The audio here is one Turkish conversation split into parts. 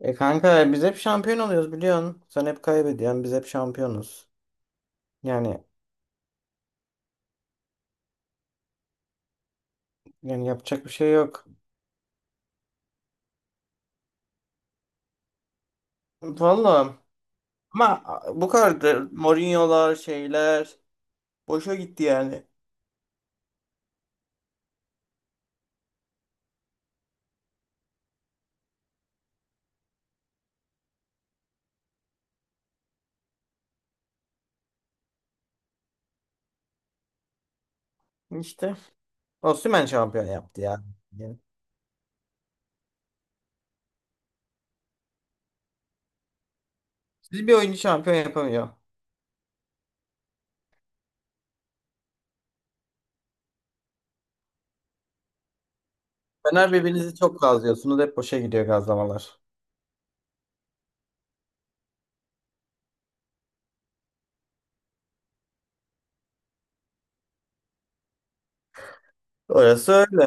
E kanka biz hep şampiyon oluyoruz biliyorsun. Sen hep kaybediyorsun. Biz hep şampiyonuz. Yani yani yapacak bir şey yok. Vallahi ama bu kadar da Mourinho'lar şeyler boşa gitti yani. İşte Osimhen şampiyon yaptı ya. Yani siz bir oyuncu şampiyon yapamıyor. Fener birbirinizi çok gazlıyorsunuz. Hep boşa gidiyor gazlamalar. Orası öyle.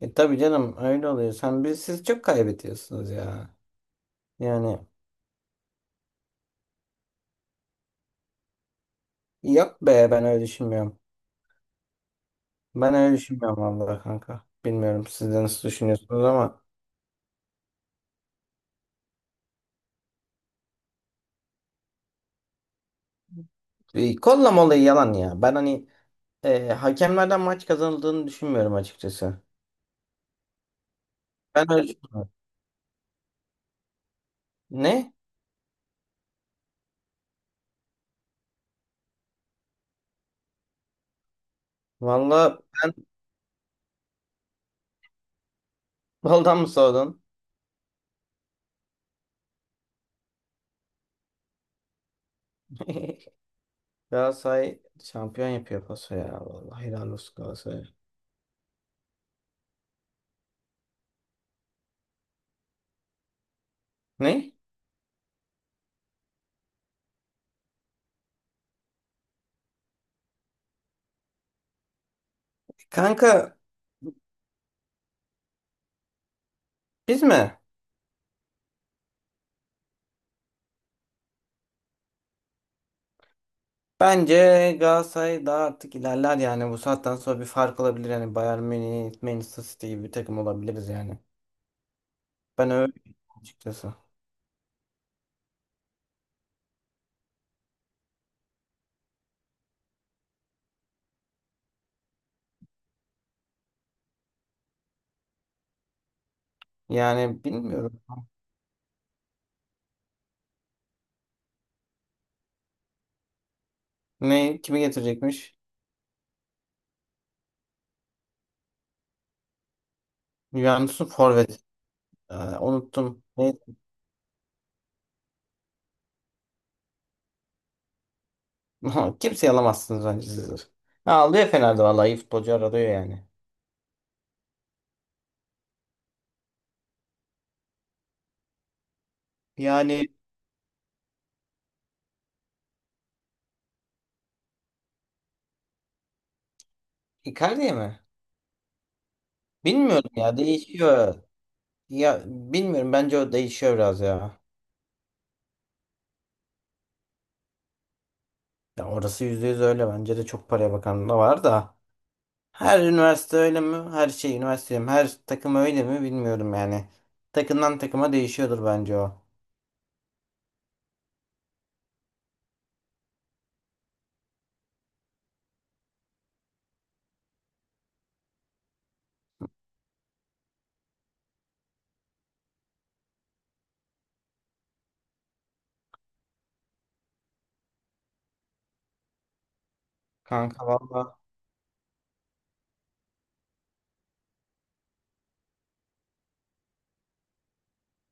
E tabii canım öyle oluyor. Sen biz siz çok kaybediyorsunuz ya. Yani yok be ben öyle düşünmüyorum. Ben öyle düşünmüyorum vallahi kanka. Bilmiyorum siz de nasıl düşünüyorsunuz ama kollama olayı yalan ya. Ben hani hakemlerden maç kazanıldığını düşünmüyorum açıkçası. Ben öyle düşünmüyorum. Ne? Vallahi ben baldan mı sordun? Galatasaray şampiyon yapıyor paso ya. Vallahi helal olsun Galatasaray. Ne? Kanka biz mi? Bence Galatasaray daha artık ilerler yani. Bu saatten sonra bir fark olabilir. Yani Bayern Münih, Manchester City gibi bir takım olabiliriz yani. Ben öyle açıkçası. Yani bilmiyorum. Ne kimi getirecekmiş? Juventus'un forvet. Ee, unuttum. Ne? Kimseyi alamazsınız bence siz. Ha, alıyor Fener'de vallahi iyi futbolcu arıyor yani. Yani Icardi mi? Bilmiyorum ya değişiyor. Ya bilmiyorum bence o değişiyor biraz ya. Ya orası %100 öyle bence de çok paraya bakan da var da. Her üniversite öyle mi? Her şey üniversite mi? Her takım öyle mi? Bilmiyorum yani. Takımdan takıma değişiyordur bence o. Kanka valla.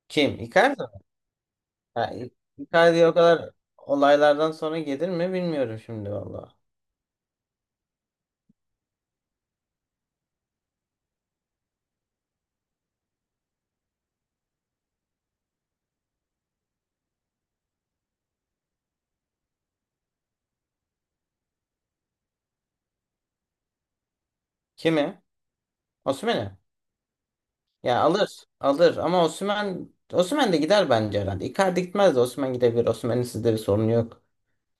Kim? Icardi mi? Ha, Icardi o kadar olaylardan sonra gelir mi bilmiyorum şimdi valla. Kimi? Osimhen'i. Ya alır. Alır ama Osimhen de gider bence herhalde. Icardi gitmez de Osimhen gidebilir. Osimhen'in sizde bir sorunu yok.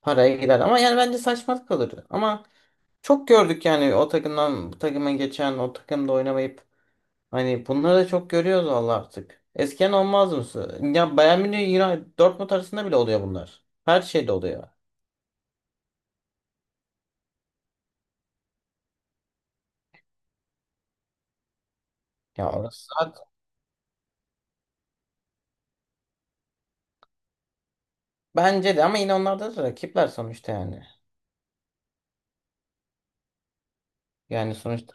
Paraya gider ama yani bence saçmalık kalır. Ama çok gördük yani o takımdan bu takıma geçen o takımda oynamayıp hani bunları da çok görüyoruz valla artık. Eskiden olmaz mısın? Ya Bayern Münih, United, Dortmund arasında bile oluyor bunlar. Her şeyde oluyor. Ya orası bence de ama yine onlarda da rakipler sonuçta yani. Yani sonuçta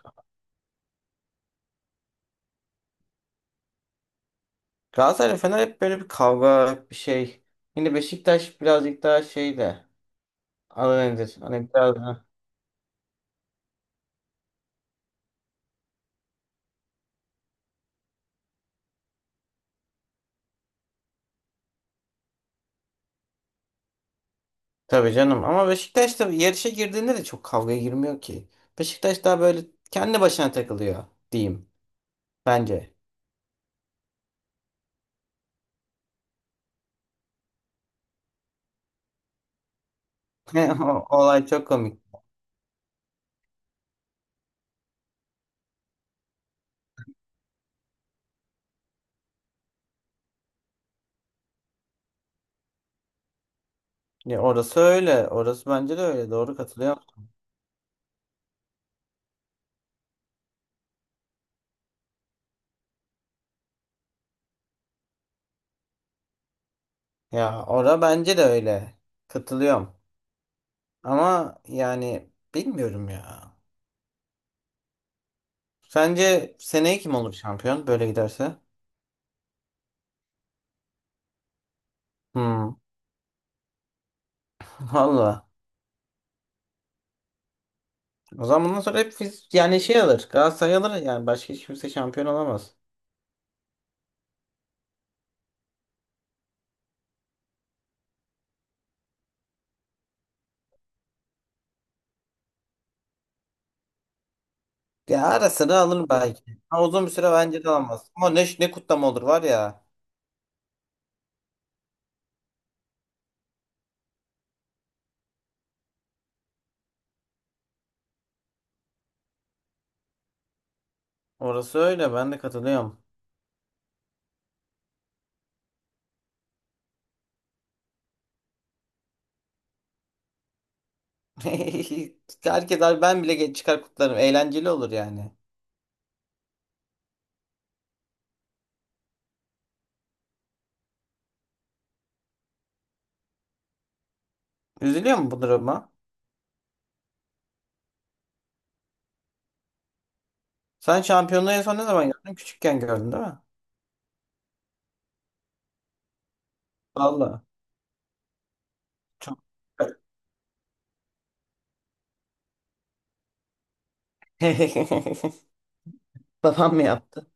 Galatasaray ve Fener hep böyle bir kavga bir şey. Yine Beşiktaş birazcık daha şey de adı nedir? Hani biraz da tabii canım ama Beşiktaş da yarışa girdiğinde de çok kavgaya girmiyor ki. Beşiktaş daha böyle kendi başına takılıyor diyeyim bence. Olay çok komik. Ya orası öyle. Orası bence de öyle. Doğru katılıyorum. Ya ora bence de öyle. Katılıyorum. Ama yani bilmiyorum ya. Sence seneye kim olur şampiyon böyle giderse? Hmm. Valla. O zaman bundan sonra hep biz yani şey alır. Galatasaray alır yani başka hiç kimse şampiyon olamaz. Ya ara sıra alır belki. Ama uzun bir süre bence de alamaz. Ama ne kutlama olur var ya. Orası öyle ben de katılıyorum. Herkes abi ben bile çıkar kutlarım. Eğlenceli olur yani. Üzülüyor mu bu duruma? Sen şampiyonluğu en son ne zaman gördün? Küçükken gördün değil mi? Valla. Çok. Babam mı yaptı?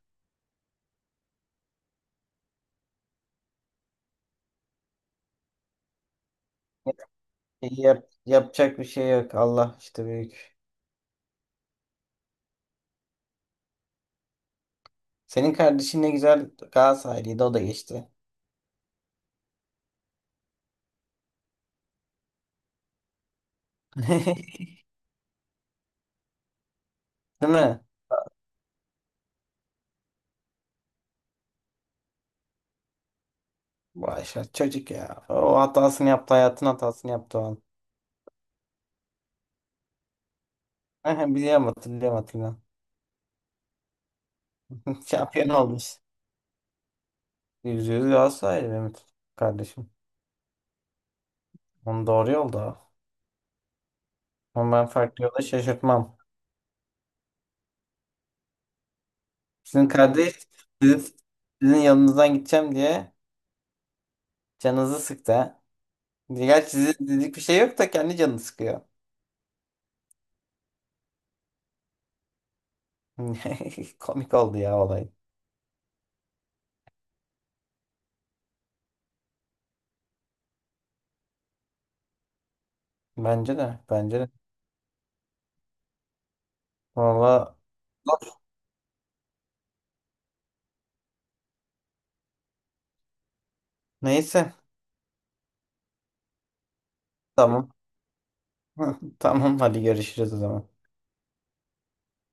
Yapacak bir şey yok. Allah işte büyük. Senin kardeşin ne güzel Galatasaraylıydı o da geçti. Değil mi? Vay çocuk ya. O hatasını yaptı hayatın hatasını yaptı o an. Aha, biliyorum hatırlıyorum hatırlıyorum. Şampiyon olmuş. Yüz Galatasaraylı Mehmet kardeşim. Onun doğru yolda. Ama ben farklı yolda şaşırtmam. Sizin kardeş sizin, sizin yanınızdan gideceğim diye canınızı sıktı ha. Gerçi sizin dedik bir şey yok da kendi canını sıkıyor. Komik oldu ya olay. Bence de. Bence de. Valla neyse. Tamam. Tamam hadi görüşürüz o zaman.